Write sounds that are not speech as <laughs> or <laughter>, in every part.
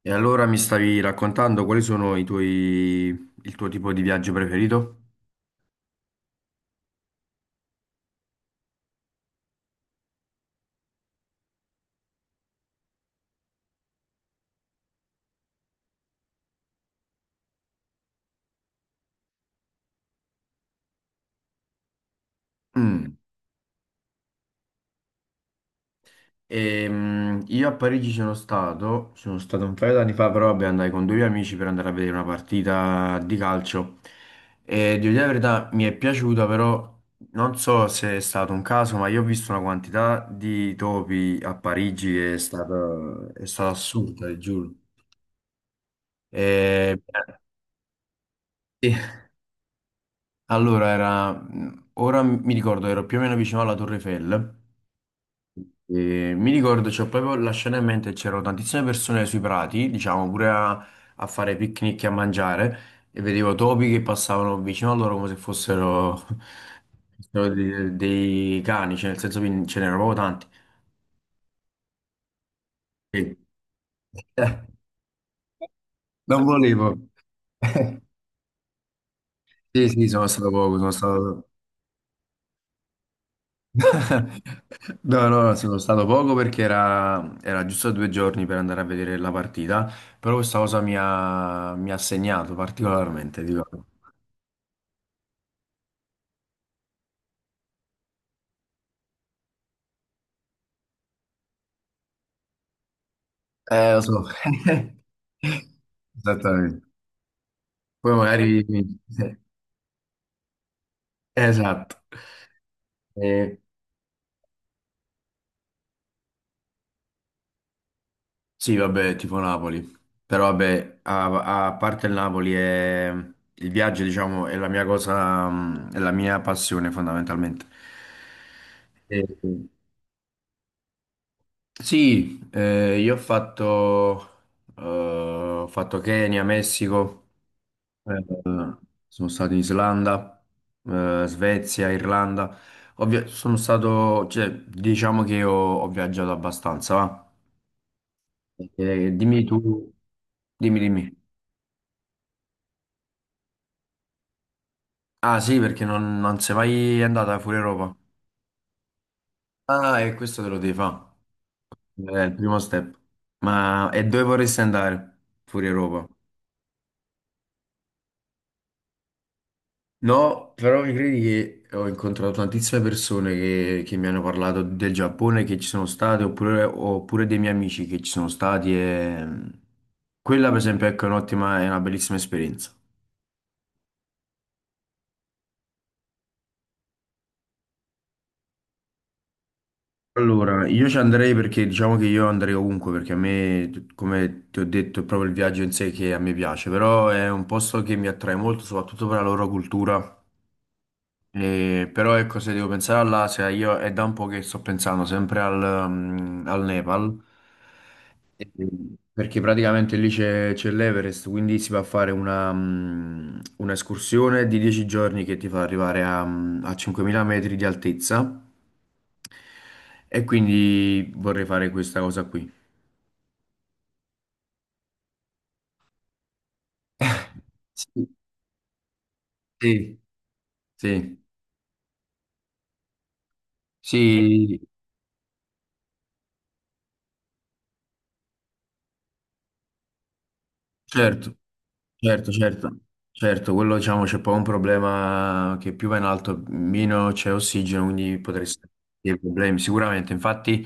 E allora mi stavi raccontando quali sono il tuo tipo di viaggio preferito? Mm. Io a Parigi sono stato, un paio d'anni fa, però vabbè, andai con due amici per andare a vedere una partita di calcio. E devo dire la verità, mi è piaciuta, però non so se è stato un caso, ma io ho visto una quantità di topi a Parigi che è stata assurda, ti giuro. E, <laughs> Allora, ora mi ricordo, ero più o meno vicino alla Torre Eiffel. E mi ricordo, c'ho proprio la scena in mente, c'erano tantissime persone sui prati, diciamo, pure a fare picnic e a mangiare e vedevo topi che passavano vicino a loro come se fossero, <laughs> fossero dei, cani, cioè nel senso che ce n'erano proprio tanti. E- <laughs> Non volevo. <laughs> Sì, sì, sono stato poco, sono stato. No, no, no, sono stato poco perché era giusto 2 giorni per andare a vedere la partita, però questa cosa mi ha segnato particolarmente, dico. Lo so. <laughs> Esattamente. Poi magari. <laughs> Esatto. Eh, sì, vabbè, tipo Napoli. Però vabbè, a parte il Napoli, il viaggio, diciamo, è la mia cosa, è la mia passione fondamentalmente. Sì, io ho fatto Kenya, Messico, eh, sono stato in Islanda, Svezia, Irlanda. Cioè, diciamo che ho viaggiato abbastanza, va. Dimmi tu, dimmi, dimmi. Ah sì, perché non sei mai andata fuori Europa. Ah, e questo te lo devi fare. È il primo step. Ma e dove vorresti andare fuori Europa? No, però mi credi che ho incontrato tantissime persone che mi hanno parlato del Giappone che ci sono state, oppure dei miei amici che ci sono stati. Quella, per esempio, ecco, è un'ottima, è una bellissima esperienza. Allora, io ci andrei perché diciamo che io andrei ovunque, perché a me, come ti ho detto, è proprio il viaggio in sé che a me piace, però è un posto che mi attrae molto, soprattutto per la loro cultura. Però ecco, se devo pensare all'Asia, io è da un po' che sto pensando sempre al Nepal. Eh, perché praticamente lì c'è l'Everest, quindi si va a fare un'escursione di 10 giorni che ti fa arrivare a 5.000 metri di altezza, e quindi vorrei fare questa cosa qui. <laughs> Sì, sì, sì, sì, certo. Certo, certo, certo, quello diciamo c'è poi un problema che più va in alto, meno c'è ossigeno, quindi potresti avere dei problemi sicuramente. Infatti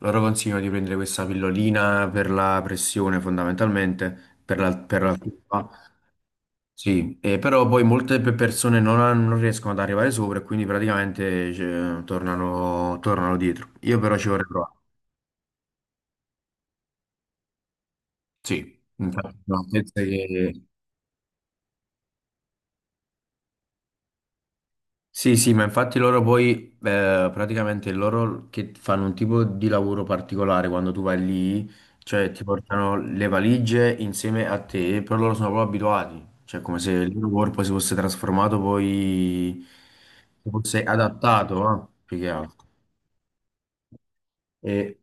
loro consigliano di prendere questa pillolina per la pressione fondamentalmente, per l'altitudine. Sì, e però poi molte persone non riescono ad arrivare sopra, e quindi praticamente cioè, tornano dietro. Io però ci vorrei provare. Sì, infatti, no, penso che. Sì, sì, ma infatti loro poi, praticamente loro che fanno un tipo di lavoro particolare quando tu vai lì, cioè ti portano le valigie insieme a te, però loro sono proprio abituati, cioè come se il loro corpo si fosse trasformato poi, si fosse adattato, no? Più che altro. E,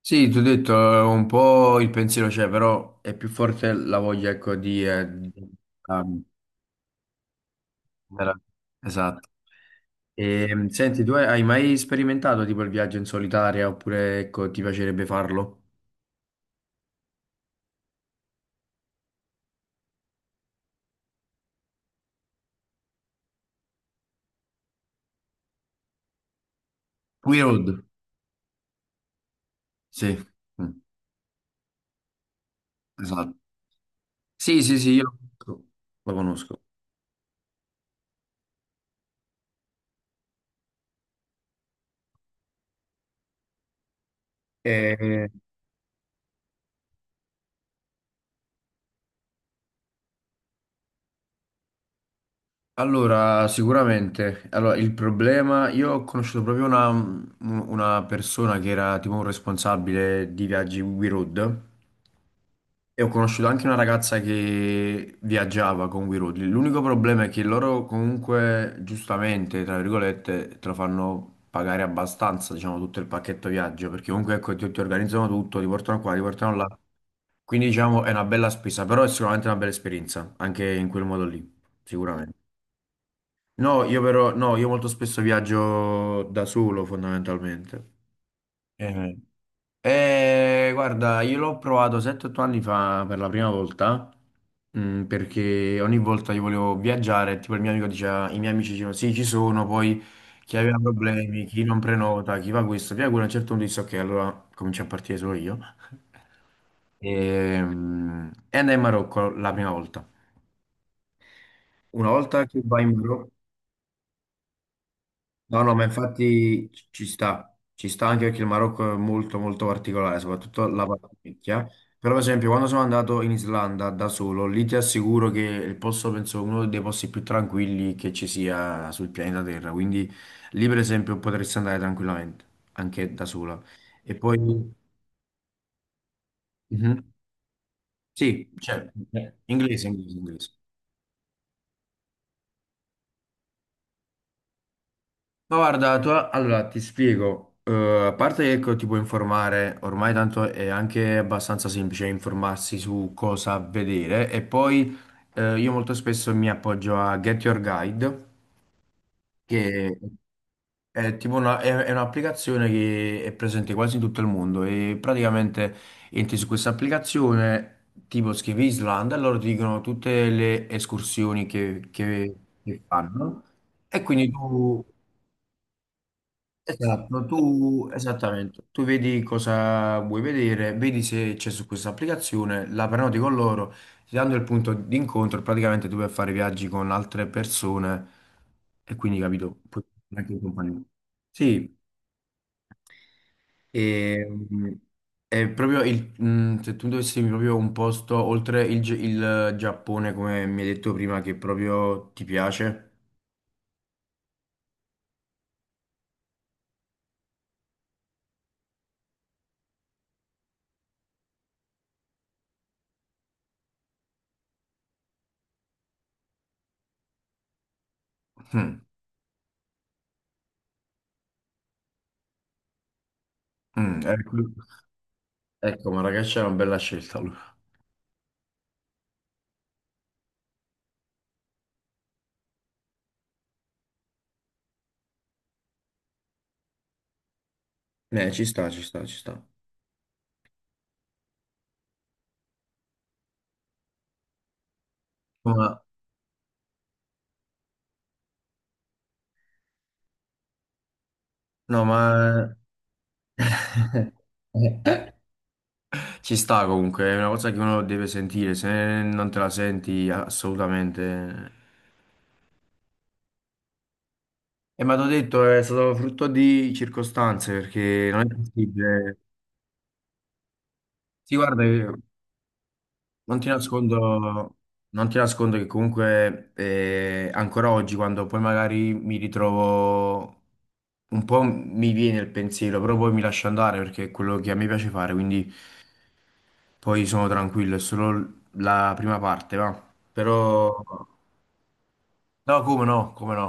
sì, ti ho detto, un po' il pensiero c'è, però è più forte la voglia, ecco, ah, era- esatto. E, senti, tu hai mai sperimentato tipo il viaggio in solitaria oppure ecco, ti piacerebbe farlo? We Road, sì. Mm, esatto. Sì, sì, sì, io lo conosco. E, allora, sicuramente, allora, il problema, io ho conosciuto proprio una persona che era tipo un responsabile di viaggi We Road. E ho conosciuto anche una ragazza che viaggiava con We Road. L'unico problema è che loro comunque, giustamente, tra virgolette, te lo fanno pagare abbastanza, diciamo, tutto il pacchetto viaggio, perché comunque ecco, ti organizzano tutto, ti portano qua, ti portano là. Quindi diciamo è una bella spesa, però è sicuramente una bella esperienza, anche in quel modo lì, sicuramente. No, io però, no, io molto spesso viaggio da solo, fondamentalmente. Eh. Guarda, io l'ho provato 7-8 anni fa per la prima volta, perché ogni volta io volevo viaggiare, tipo il mio amico diceva, i miei amici dicevano sì, ci sono, poi chi aveva problemi, chi non prenota, chi fa questo, via quello, a un certo punto disse ok, allora comincio a partire solo io. <laughs> E andai in Marocco la prima volta. Una volta che vai in Marocco. No, no, ma infatti ci sta, ci sta anche perché il Marocco è molto molto particolare, soprattutto la parte vecchia. Però, per esempio, quando sono andato in Islanda da solo, lì ti assicuro che il posto, penso, uno dei posti più tranquilli che ci sia sul pianeta Terra. Quindi lì, per esempio, potresti andare tranquillamente, anche da sola. E poi. Mhm. Sì, cioè, inglese, inglese, inglese. Ma guarda, tu, allora ti spiego. A parte che ecco, ti puoi informare, ormai tanto è anche abbastanza semplice informarsi su cosa vedere e poi io molto spesso mi appoggio a Get Your Guide, che è tipo è un'applicazione che è presente quasi in tutto il mondo e praticamente entri su questa applicazione, tipo scrivi Islanda, e loro ti dicono tutte le escursioni che fanno. E quindi tu. Esatto, tu, esattamente, tu vedi cosa vuoi vedere, vedi se c'è su questa applicazione, la prenoti con loro, ti danno il punto di incontro, e praticamente tu puoi fare viaggi con altre persone e quindi capito, puoi fare anche in compagnia. Sì, e, mm, è proprio il, mm, se tu dovessi dirmi proprio un posto oltre il Giappone, come mi hai detto prima, che proprio ti piace, mm, ecco, ecco, Marrakech è una bella scelta allora. Ci sta, ci sta, ci sta. Ma no, ma <laughs> ci sta comunque, è una cosa che uno deve sentire, se non te la senti assolutamente. E ma t'ho detto, è stato frutto di circostanze, perché non è possibile. Sì, guarda, io non ti nascondo, non ti nascondo che comunque ancora oggi, quando poi magari mi ritrovo, un po' mi viene il pensiero, però poi mi lascio andare perché è quello che a me piace fare, quindi. Poi sono tranquillo, è solo la prima parte, va. Però. No, come no, come no.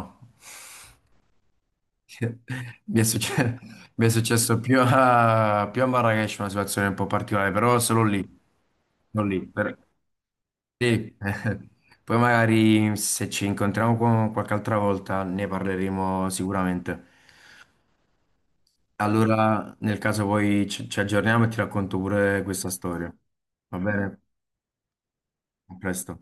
<laughs> Mi è succe- mi è successo, più a Marrakech una situazione un po' particolare, però solo lì, non lì. Sì. <laughs> Poi magari se ci incontriamo qualche altra volta ne parleremo sicuramente. Allora, nel caso poi ci aggiorniamo e ti racconto pure questa storia. Va bene? A presto.